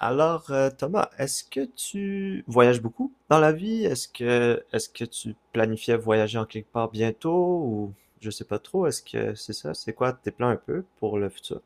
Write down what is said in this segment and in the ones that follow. Alors, Thomas, est-ce que tu voyages beaucoup dans la vie? Est-ce que tu planifiais voyager en quelque part bientôt ou je sais pas trop, est-ce que c'est ça? C'est quoi tes plans un peu pour le futur?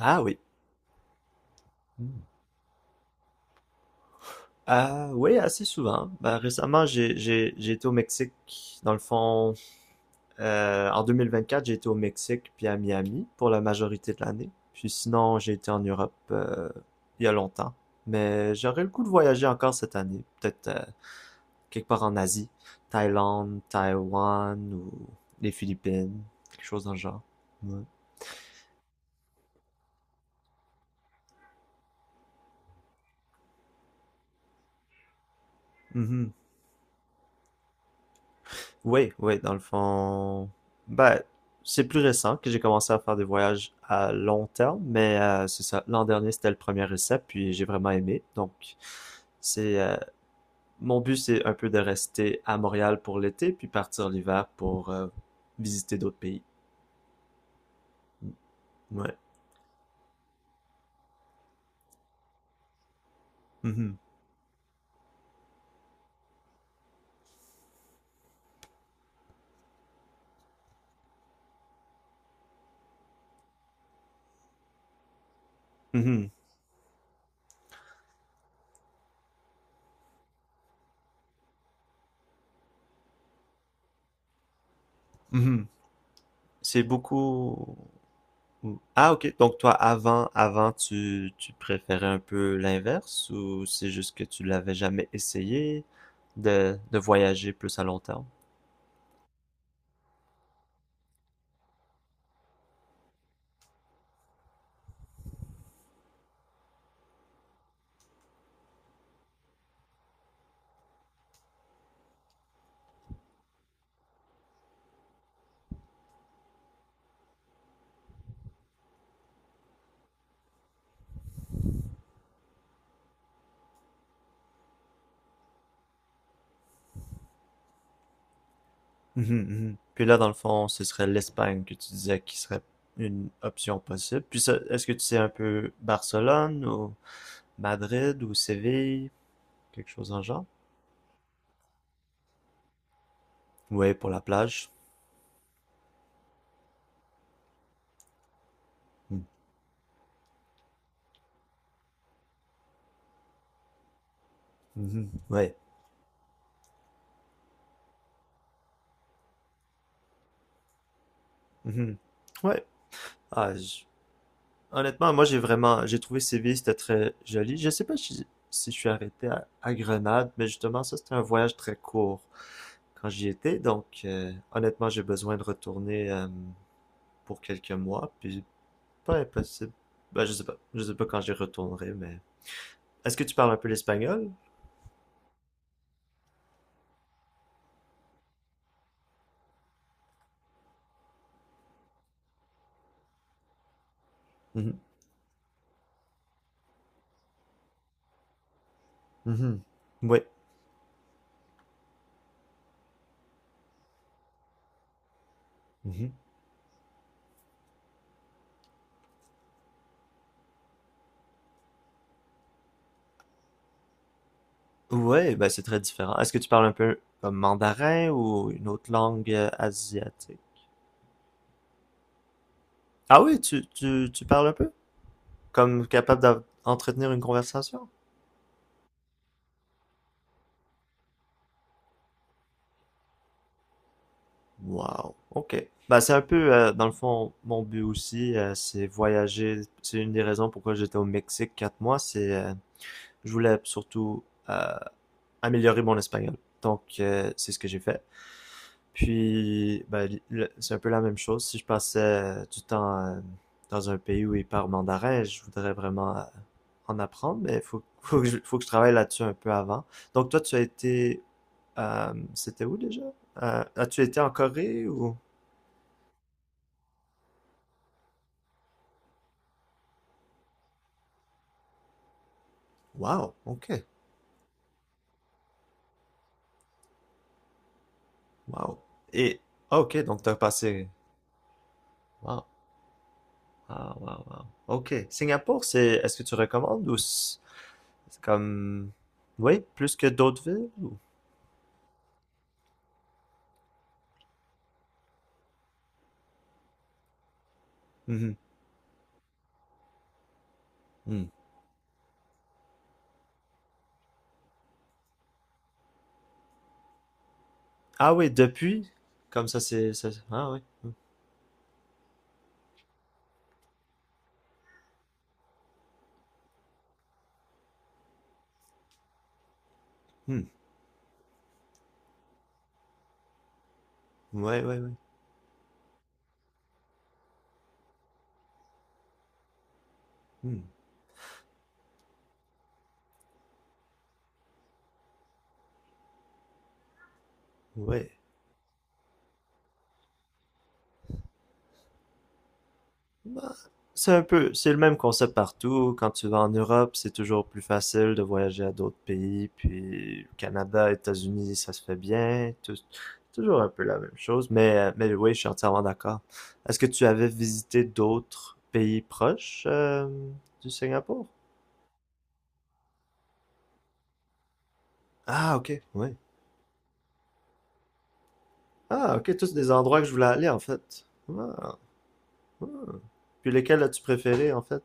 Ah oui. Ah oui, assez souvent. Ben, récemment, j'ai été au Mexique. Dans le fond, en 2024, j'ai été au Mexique puis à Miami pour la majorité de l'année. Puis sinon, j'ai été en Europe il y a longtemps. Mais j'aurais le goût de voyager encore cette année. Peut-être quelque part en Asie, Thaïlande, Taïwan ou les Philippines, quelque chose dans le genre. Ouais. Mhm. Oui, oui, dans le fond. Ben, c'est plus récent que j'ai commencé à faire des voyages à long terme, mais c'est ça. L'an dernier, c'était le premier essai, puis j'ai vraiment aimé. Donc, c'est mon but, c'est un peu de rester à Montréal pour l'été, puis partir l'hiver pour visiter d'autres pays. Mm. Ouais. Mhm. Mhm. Mhm. C'est beaucoup. Hmm. Ah, ok. Donc toi, avant, tu préférais un peu l'inverse ou c'est juste que tu l'avais jamais essayé de voyager plus à long terme? Mhm, mhm. Puis là, dans le fond, ce serait l'Espagne que tu disais qui serait une option possible. Puis ça, est-ce que tu sais un peu Barcelone ou Madrid ou Séville, quelque chose en genre? Ouais, pour la plage. Hmm. Mhm. Ouais. Mhm. Ouais. Ah, j- Honnêtement, moi j'ai trouvé Séville, c'était très joli. Je sais pas si je suis arrêté à Grenade, mais justement ça c'était un voyage très court quand j'y étais, donc honnêtement j'ai besoin de retourner pour quelques mois, puis pas impossible. Ben, je sais pas, quand j'y retournerai, mais est-ce que tu parles un peu l'espagnol? Mhm, mhm. Oui. Mhm. Ouais, ben c'est très différent. Est-ce que tu parles un peu comme mandarin ou une autre langue asiatique? Ah oui, tu parles un peu? Comme capable d'entretenir une conversation? Wow, ok. Bah, c'est un peu, dans le fond, mon but aussi, c'est voyager. C'est une des raisons pourquoi j'étais au Mexique 4 mois, c'est je voulais surtout euh, améliorer mon espagnol. Donc, c'est ce que j'ai fait. Puis, ben, c'est un peu la même chose. Si je passais du temps dans un pays où ils parlent mandarin, je voudrais vraiment en apprendre, mais il faut, faut que je travaille là-dessus un peu avant. Donc, toi, c'était où déjà? As-tu été en Corée ou? Wow, ok, wow. Et ah, ok, donc tu as passé. Wow. Ah, wow, wow. OK. Singapour, est-ce que tu recommandes ou c'est comme, oui, plus que d'autres villes ou? Mhm, hmm. Ah oui, depuis, comme ça, ah oui. Hmm. Hmm. Ouais, ouais, ouais. Hmm. Ouais. Bah, c'est le même concept partout. Quand tu vas en Europe, c'est toujours plus facile de voyager à d'autres pays. Puis Canada, États-Unis, ça se fait bien. Toujours un peu la même chose. Mais oui, je suis entièrement d'accord. Est-ce que tu avais visité d'autres pays proches du Singapour? Ah, ok, oui. Ah, ok, tous des endroits que je voulais aller en fait. Ah. Ah. Puis lesquels as-tu préféré en fait?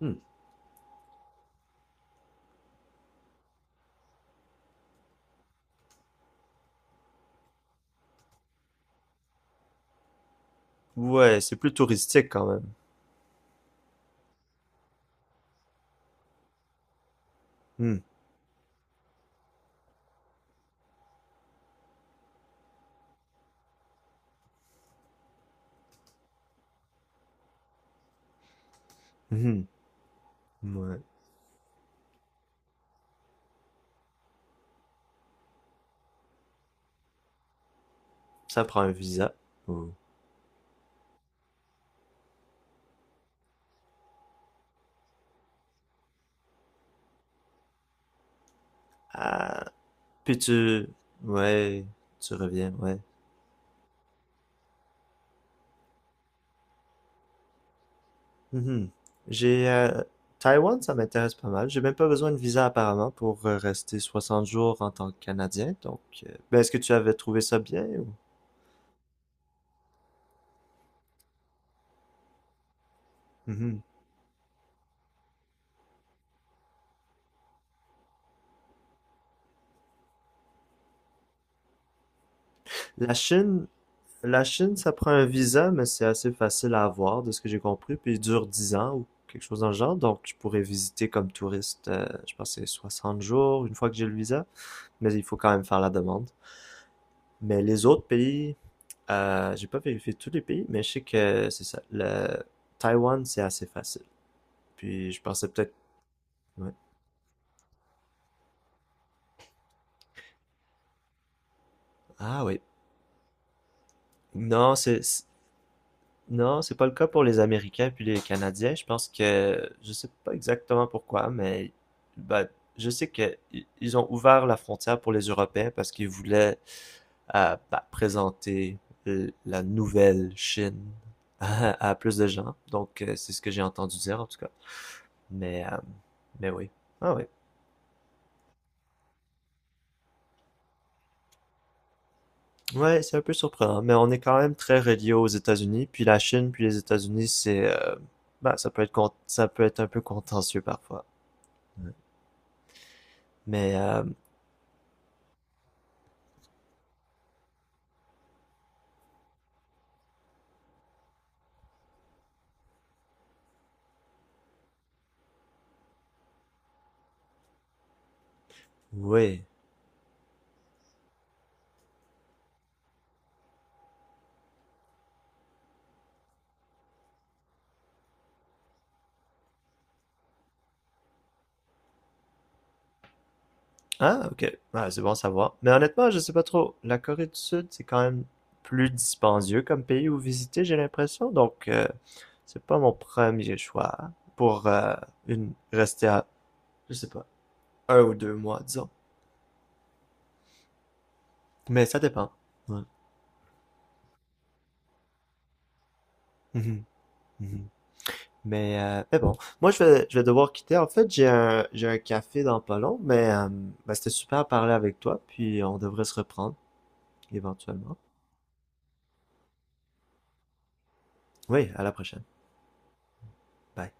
Hmm. Ouais, c'est plus touristique quand même. Hmm. Mhm. Ouais. Ça prend un visa. ou- Ah, puis tu... ouais, tu reviens, ouais. Mhm. J'ai... euh, Taïwan, ça m'intéresse pas mal. J'ai même pas besoin de visa apparemment pour rester 60 jours en tant que Canadien. Donc, ben, est-ce que tu avais trouvé ça bien ou? Mhm. La Chine, la Chine, ça prend un visa, mais c'est assez facile à avoir, de ce que j'ai compris. Puis il dure 10 ans ou quelque chose dans le genre. Donc, je pourrais visiter comme touriste, je pense, que c'est 60 jours une fois que j'ai le visa. Mais il faut quand même faire la demande. Mais les autres pays, j'ai pas vérifié tous les pays, mais je sais que c'est ça. Le Taïwan, c'est assez facile. Puis je pensais peut-être. Ouais. Ah oui. Non, c'est. c'est- Non, c'est pas le cas pour les Américains puis les Canadiens. Je pense que je sais pas exactement pourquoi, mais ben, je sais que ils ont ouvert la frontière pour les Européens parce qu'ils voulaient ben, présenter la nouvelle Chine à plus de gens. Donc c'est ce que j'ai entendu dire en tout cas. Mais, euh, mais oui. Ah oui. Ouais, c'est un peu surprenant, mais on est quand même très relié aux États-Unis, puis la Chine, puis les États-Unis, bah, ça peut être un peu contentieux parfois. Ouais. Mais, oui. Ah, ok. Ah, c'est bon à savoir. Mais honnêtement, je sais pas trop. La Corée du Sud, c'est quand même plus dispendieux comme pays où visiter, j'ai l'impression. Donc, c'est pas mon premier choix pour une rester à, je sais pas, 1 ou 2 mois, disons. Mais ça dépend. Ouais. Mhm. Mhm. Mais bon, moi je vais devoir quitter. En fait, j'ai un café dans pas long, mais bah, c'était super à parler avec toi, puis on devrait se reprendre éventuellement. Oui, à la prochaine. Bye.